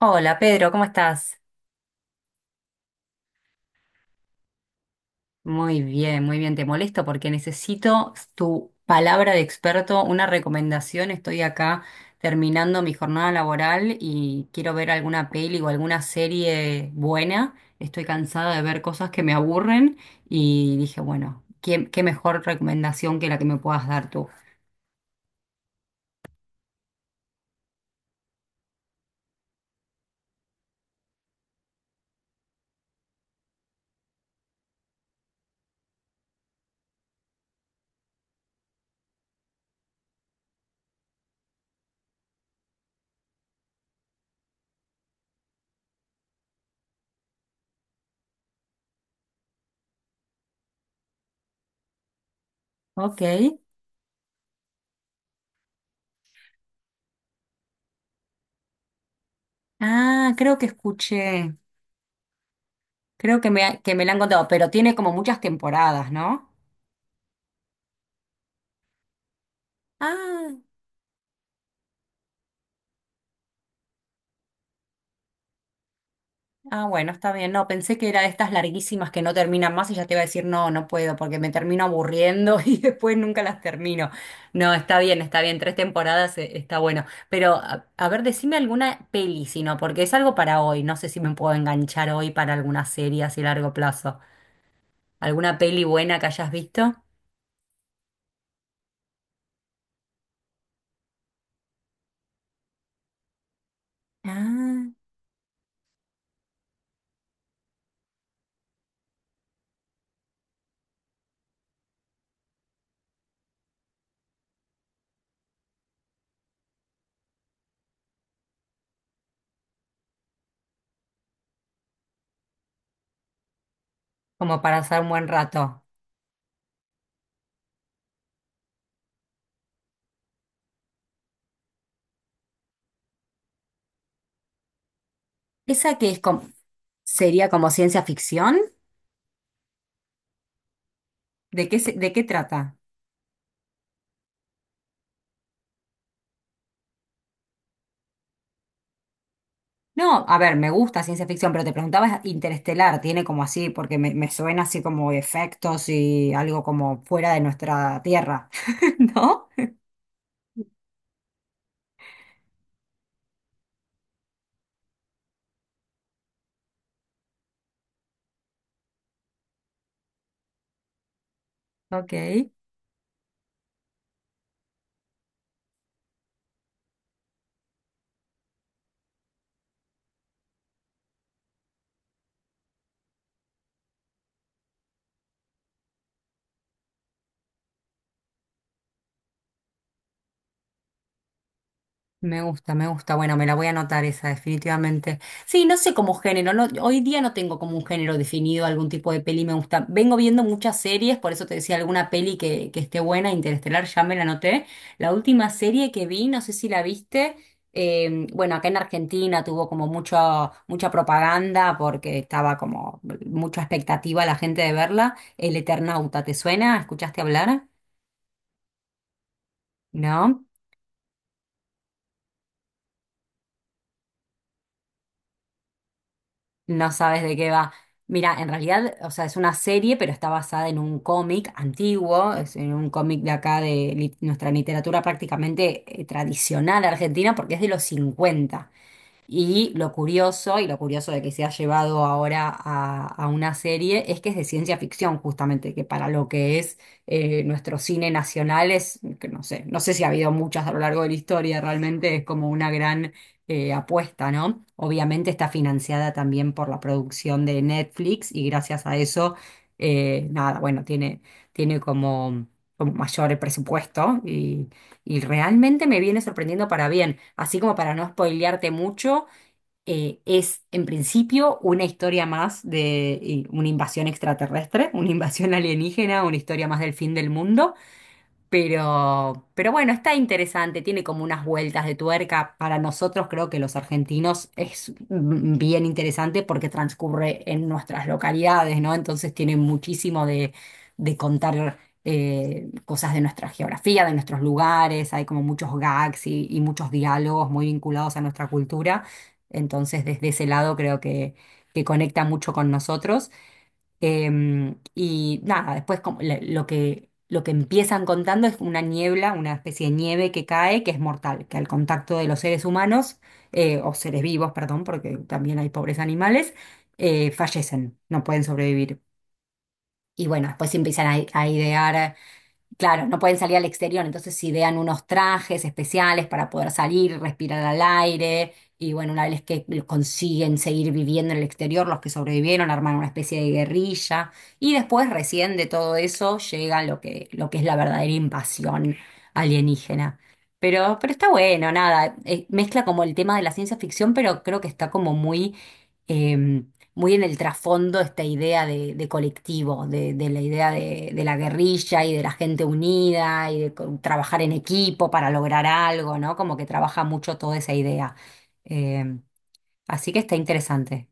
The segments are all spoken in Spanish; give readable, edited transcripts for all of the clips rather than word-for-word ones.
Hola Pedro, ¿cómo estás? Muy bien, muy bien. Te molesto porque necesito tu palabra de experto, una recomendación. Estoy acá terminando mi jornada laboral y quiero ver alguna peli o alguna serie buena. Estoy cansada de ver cosas que me aburren y dije, bueno, ¿qué mejor recomendación que la que me puedas dar tú? Ok. Ah, creo que escuché, creo que que me la han contado, pero tiene como muchas temporadas, ¿no? Ah. Ah, bueno, está bien. No, pensé que era de estas larguísimas que no terminan más y ya te iba a decir, no, no puedo, porque me termino aburriendo y después nunca las termino. No, está bien, está bien. Tres temporadas está bueno. Pero, a ver, decime alguna peli, si no, porque es algo para hoy. No sé si me puedo enganchar hoy para alguna serie así a largo plazo. ¿Alguna peli buena que hayas visto? Ah, como para hacer un buen rato. ¿Esa que es como, sería como ciencia ficción? ¿ De qué trata? No, a ver, me gusta ciencia ficción, pero te preguntaba, Interestelar tiene como así, porque me suena así como efectos y algo como fuera de nuestra Tierra, ¿no? Ok. Me gusta, me gusta. Bueno, me la voy a anotar esa, definitivamente. Sí, no sé como género. No, hoy día no tengo como un género definido, algún tipo de peli me gusta. Vengo viendo muchas series, por eso te decía alguna peli que esté buena. Interestelar, ya me la anoté. La última serie que vi, no sé si la viste, bueno, acá en Argentina tuvo como mucho, mucha propaganda porque estaba como mucha expectativa la gente de verla. El Eternauta, ¿te suena? ¿Escuchaste hablar? ¿No? No sabes de qué va. Mira, en realidad, o sea, es una serie, pero está basada en un cómic antiguo, es en un cómic de acá nuestra literatura prácticamente tradicional argentina, porque es de los cincuenta, y lo curioso de que se ha llevado ahora a una serie, es que es de ciencia ficción, justamente, que para lo que es nuestro cine nacional es, que no sé, no sé si ha habido muchas a lo largo de la historia, realmente es como una gran apuesta, ¿no? Obviamente está financiada también por la producción de Netflix y gracias a eso, nada, bueno, tiene, tiene como, como mayor presupuesto y realmente me viene sorprendiendo para bien, así como para no spoilearte mucho. Es en principio una historia más de una invasión extraterrestre, una invasión alienígena, una historia más del fin del mundo. Pero bueno, está interesante, tiene como unas vueltas de tuerca. Para nosotros, creo que los argentinos, es bien interesante porque transcurre en nuestras localidades, ¿no? Entonces tiene muchísimo de contar cosas de nuestra geografía, de nuestros lugares, hay como muchos gags y muchos diálogos muy vinculados a nuestra cultura. Entonces, desde ese lado creo que conecta mucho con nosotros. Y nada, después lo que empiezan contando es una niebla, una especie de nieve que cae, que es mortal, que al contacto de los seres humanos, o seres vivos, perdón, porque también hay pobres animales, fallecen, no pueden sobrevivir. Y bueno, después empiezan a idear. Claro, no pueden salir al exterior, entonces idean unos trajes especiales para poder salir, respirar al aire, y bueno, una vez que lo consiguen seguir viviendo en el exterior, los que sobrevivieron arman una especie de guerrilla, y después recién de todo eso llega lo que es la verdadera invasión alienígena. Pero está bueno, nada, mezcla como el tema de la ciencia ficción, pero creo que está como muy... em, muy en el trasfondo esta idea de colectivo, de la idea de la guerrilla y de la gente unida y de trabajar en equipo para lograr algo, ¿no? Como que trabaja mucho toda esa idea. Eh, Así que está interesante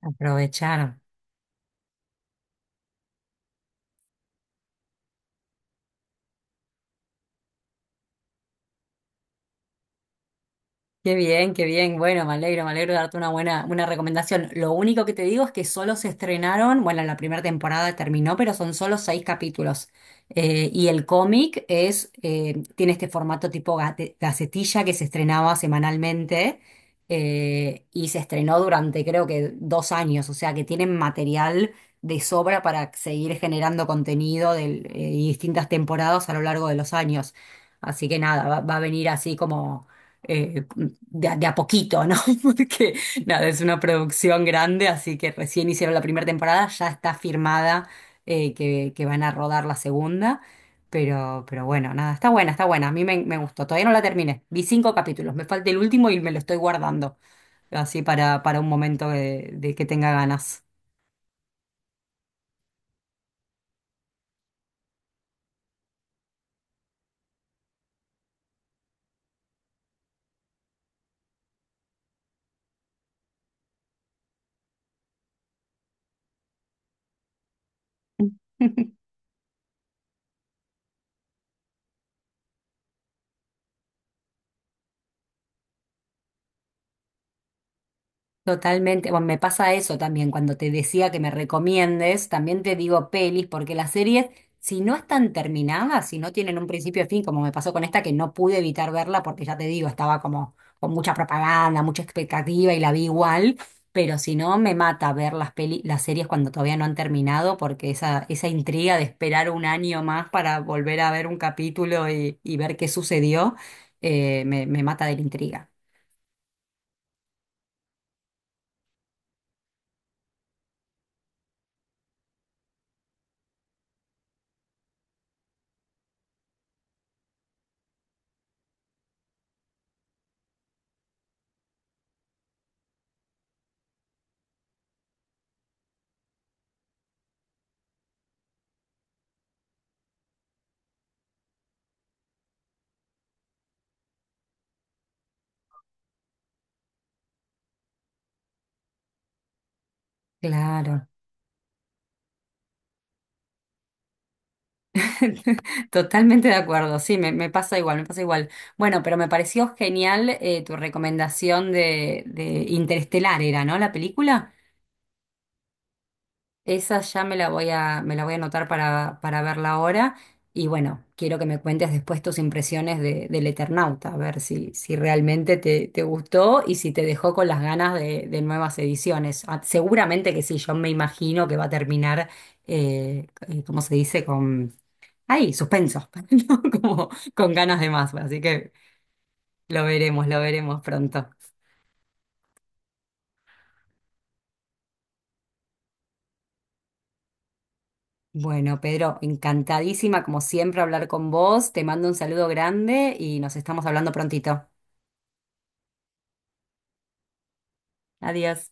aprovechar. Qué bien, qué bien. Bueno, me alegro de darte una buena, una recomendación. Lo único que te digo es que solo se estrenaron, bueno, la primera temporada terminó, pero son solo seis capítulos. Y el cómic es, tiene este formato tipo gacetilla que se estrenaba semanalmente, y se estrenó durante creo que dos años, o sea que tienen material de sobra para seguir generando contenido y distintas temporadas a lo largo de los años. Así que nada, va, va a venir así como eh, a de a poquito, ¿no? Porque nada, es una producción grande, así que recién hicieron la primera temporada, ya está firmada que van a rodar la segunda, pero bueno, nada, está buena, a mí me gustó, todavía no la terminé, vi cinco capítulos, me falta el último y me lo estoy guardando, así para un momento de que tenga ganas. Totalmente, bueno, me pasa eso también, cuando te decía que me recomiendes, también te digo pelis, porque las series, si no están terminadas, si no tienen un principio y fin, como me pasó con esta, que no pude evitar verla, porque ya te digo, estaba como con mucha propaganda, mucha expectativa y la vi igual, pero si no, me mata ver las peli, las series cuando todavía no han terminado, porque esa intriga de esperar un año más para volver a ver un capítulo y ver qué sucedió, me mata de la intriga. Claro. Totalmente de acuerdo, sí, me pasa igual, me pasa igual. Bueno, pero me pareció genial tu recomendación de Interestelar, era, ¿no? La película. Esa ya me la voy a, me la voy a anotar para verla ahora. Y bueno, quiero que me cuentes después tus impresiones de, del Eternauta, a ver si, si realmente te gustó y si te dejó con las ganas de nuevas ediciones. Ah, seguramente que sí, yo me imagino que va a terminar, ¿cómo se dice? Ahí, suspenso, ¿no? Como con ganas de más, así que lo veremos pronto. Bueno, Pedro, encantadísima como siempre hablar con vos, te mando un saludo grande y nos estamos hablando prontito. Adiós.